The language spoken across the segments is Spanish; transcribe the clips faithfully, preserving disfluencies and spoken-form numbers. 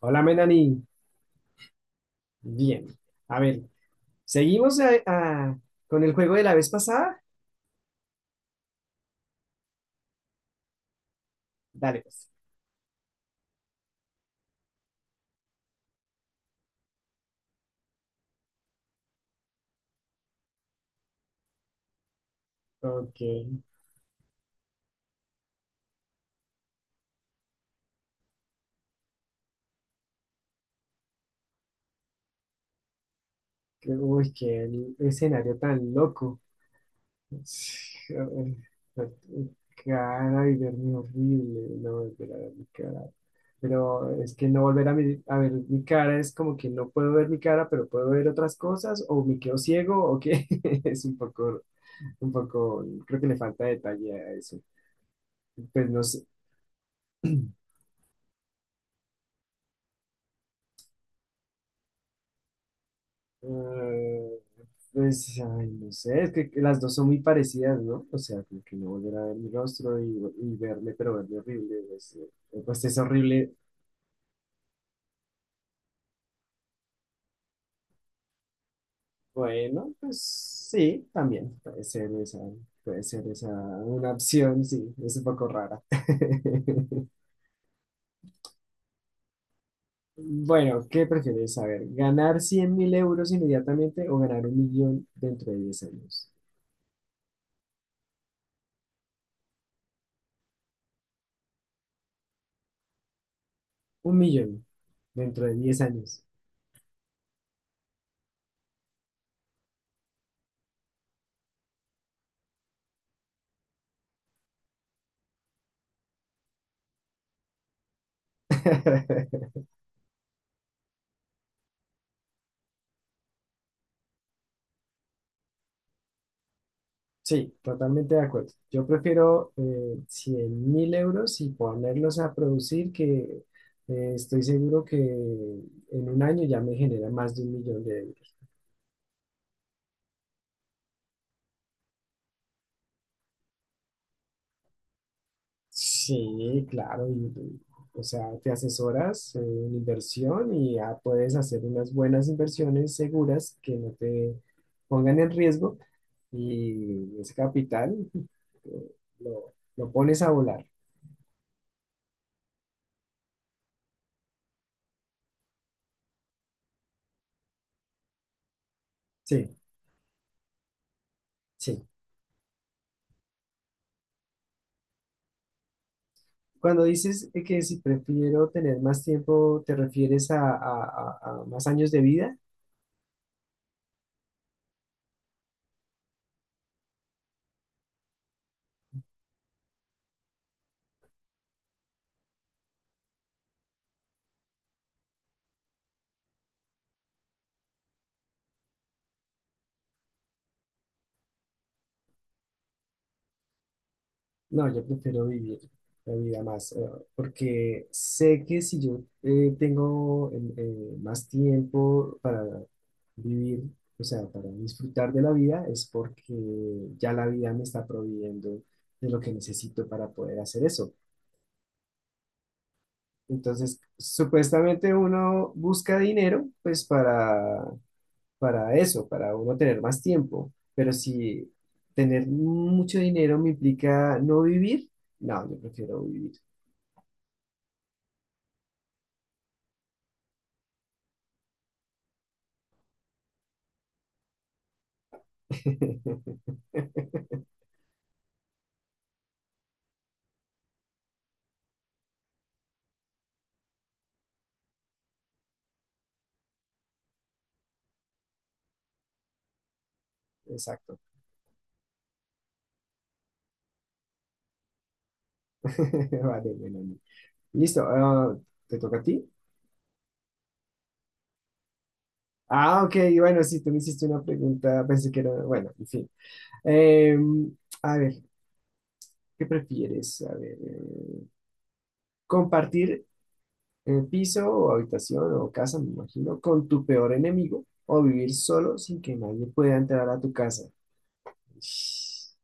Hola, Melanie. Bien. A ver, ¿seguimos a- a- con el juego de la vez pasada? Dale, pues. Ok. Qué- Uy, qué escenario tan loco. Cara, y ver mi horrible. No volver a ver mi cara. Pero es que no volver a, mi- a ver mi cara es como que no puedo ver mi cara, pero puedo ver otras cosas, o me quedo ciego, o qué. Es un poco, un poco, creo que le falta detalle a eso. Pues no sé. Eh, pues, ay, no sé, es que las dos son muy parecidas, ¿no? O sea, como que no volver a ver mi rostro y, y verme, pero verme horrible, pues, eh, pues es horrible. Bueno, pues sí, también puede ser esa, puede ser esa una opción, sí, es un poco rara. Bueno, ¿qué prefieres saber? ¿Ganar cien mil euros inmediatamente o ganar un millón dentro de diez años? Un millón dentro de diez años. Sí, totalmente de acuerdo. Yo prefiero eh, cien mil euros y ponerlos a producir, que eh, estoy seguro que en un año ya me genera más de un millón de euros. Sí, claro. Y- y, o sea, te asesoras eh, en inversión y ya puedes hacer unas buenas inversiones seguras que no te pongan en riesgo, y ese capital, eh, lo, lo pones a volar. Sí, sí. Cuando dices, eh, que si prefiero tener más tiempo, ¿te refieres a, a- a- a más años de vida? No, yo prefiero vivir la vida más. Eh, porque sé que si yo, eh, tengo, eh, eh, más tiempo para vivir, o sea, para disfrutar de la vida, es porque ya la vida me está proveyendo de lo que necesito para poder hacer eso. Entonces, supuestamente uno busca dinero, pues para para eso, para uno tener más tiempo. Pero si tener mucho dinero me implica no vivir, no, yo prefiero vivir. Exacto. Vale, bueno. Listo. Ah, ¿te toca a ti? Ah, ok, bueno, sí, tú me hiciste una pregunta, pensé que era, bueno, en fin. Em, a ver, ¿qué prefieres? A ver, eh, compartir, eh, piso o habitación o casa, me imagino, con tu peor enemigo, o vivir solo sin que nadie pueda entrar a tu casa. Ish.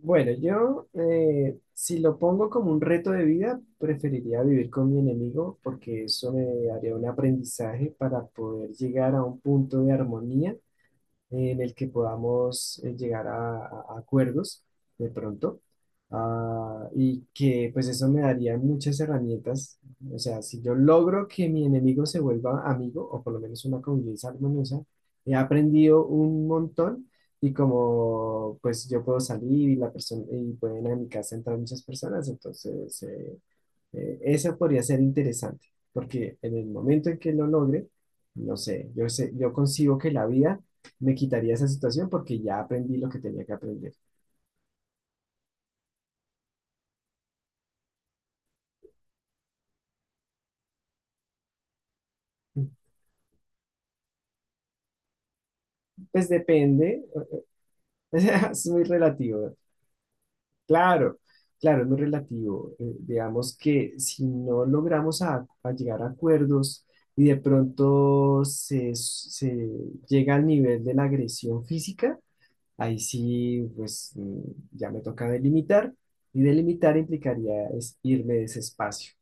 Bueno, yo, eh, si lo pongo como un reto de vida, preferiría vivir con mi enemigo, porque eso me daría un aprendizaje para poder llegar a un punto de armonía en el que podamos, eh, llegar a, a- a acuerdos de pronto. Ah, y que pues eso me daría muchas herramientas. O sea, si yo logro que mi enemigo se vuelva amigo, o por lo menos una convivencia armoniosa, he aprendido un montón, y como pues yo puedo salir y la persona y pueden a mi casa entrar muchas personas, entonces eh, eh, eso podría ser interesante, porque en el momento en que lo logre, no sé, yo sé, yo concibo que la vida me quitaría esa situación porque ya aprendí lo que tenía que aprender. Pues depende. O sea, es muy relativo. Claro, claro, es muy relativo. Eh, digamos que si no logramos a, a llegar a acuerdos y de pronto se, se llega al nivel de la agresión física. Ahí sí, pues mm, ya me toca delimitar, y delimitar implicaría es irme de ese espacio.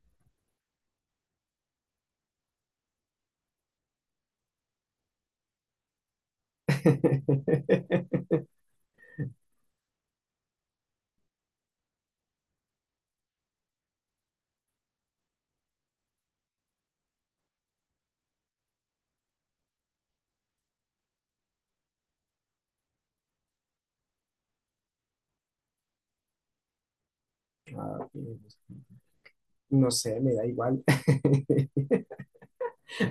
Ah, ok, pues, no sé, me da igual.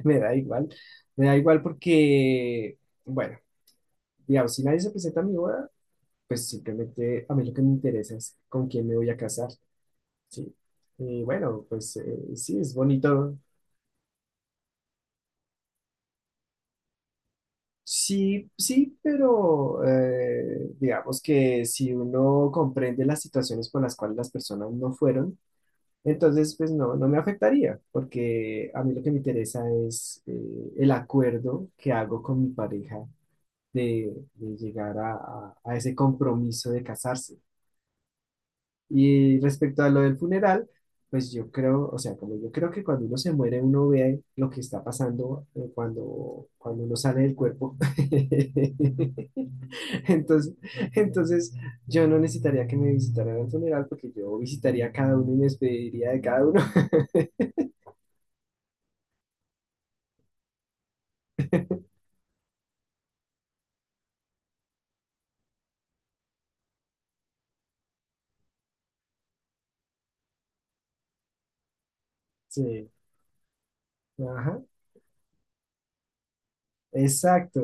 Me da igual. Me da igual porque, bueno, digamos, si nadie se presenta a mi boda, pues simplemente a mí lo que me interesa es con quién me voy a casar, ¿sí? Y bueno, pues, eh, sí, es bonito. Sí, sí, pero, eh, digamos que si uno comprende las situaciones por las cuales las personas no fueron, entonces pues no, no me afectaría, porque a mí lo que me interesa es, eh, el acuerdo que hago con mi pareja, de, de llegar a, a- a ese compromiso de casarse. Y respecto a lo del funeral, pues yo creo, o sea, como yo creo que cuando uno se muere, uno ve lo que está pasando, eh, cuando, cuando uno sale del cuerpo. Entonces, entonces, yo no necesitaría que me visitaran al funeral, porque yo visitaría a cada uno y me despediría de cada uno. Sí, ajá, exacto.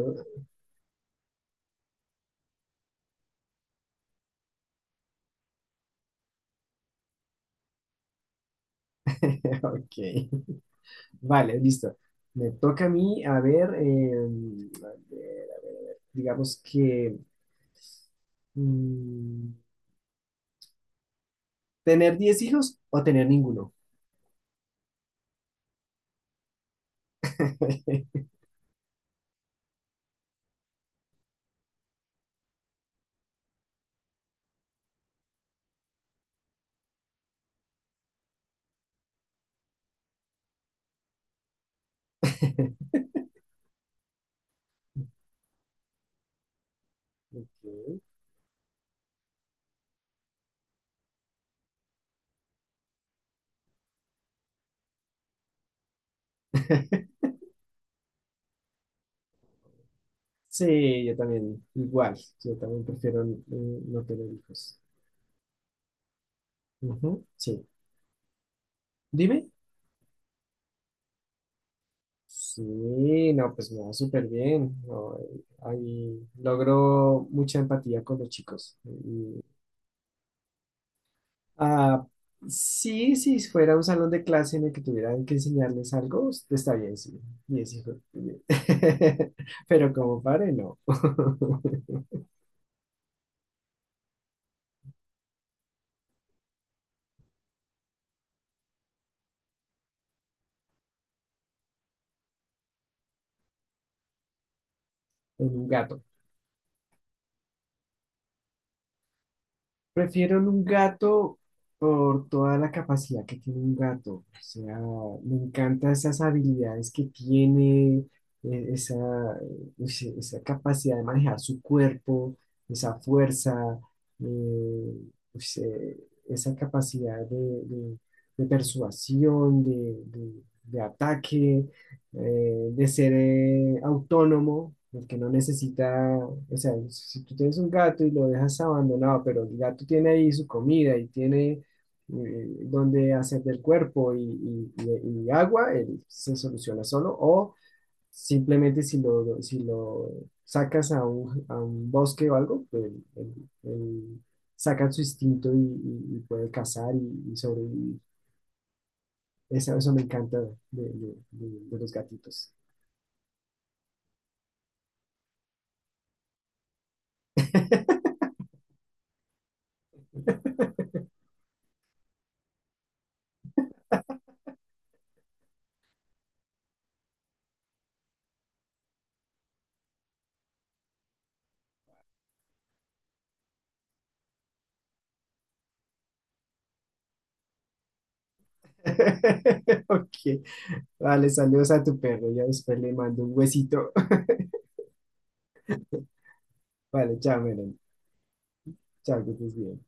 Ok, vale, listo. Me toca a mí, a ver. Eh, a ver, a ver, a ver, digamos que, mm, ¿tener diez hijos o tener ninguno? Ok. Sí, yo también, igual, yo también prefiero, eh, no tener hijos. Ujú, sí. Dime. Sí, no, pues me va súper bien. No, eh, ahí logro mucha empatía con los chicos. Y, ah, sí, si fuera un salón de clase en el que tuvieran que enseñarles algo, está bien, sí. Y es. Pero como padre, no. Es un gato. Prefiero en un gato por toda la capacidad que tiene un gato. O sea, me encantan esas habilidades que tiene, eh, esa, eh, ese- esa capacidad de manejar su cuerpo, esa fuerza, eh, pues, eh, esa capacidad de, de- de persuasión, de, de- de ataque, eh, de ser, eh, autónomo, el que no necesita. O sea, si tú tienes un gato y lo dejas abandonado, pero el gato tiene ahí su comida y tiene, eh, donde hacer del cuerpo y, y- y- y agua, él se soluciona solo. O simplemente, si lo, si lo sacas a un, a un bosque o algo, pues él- él- él saca su instinto y, y- y puede cazar y, y sobrevivir. Eso, eso me encanta de de- de- de los gatitos. Ok, vale, saludos a tu perro. Ya después le mando un huesito. Vale, chao, Melanie. Chao, que estés bien.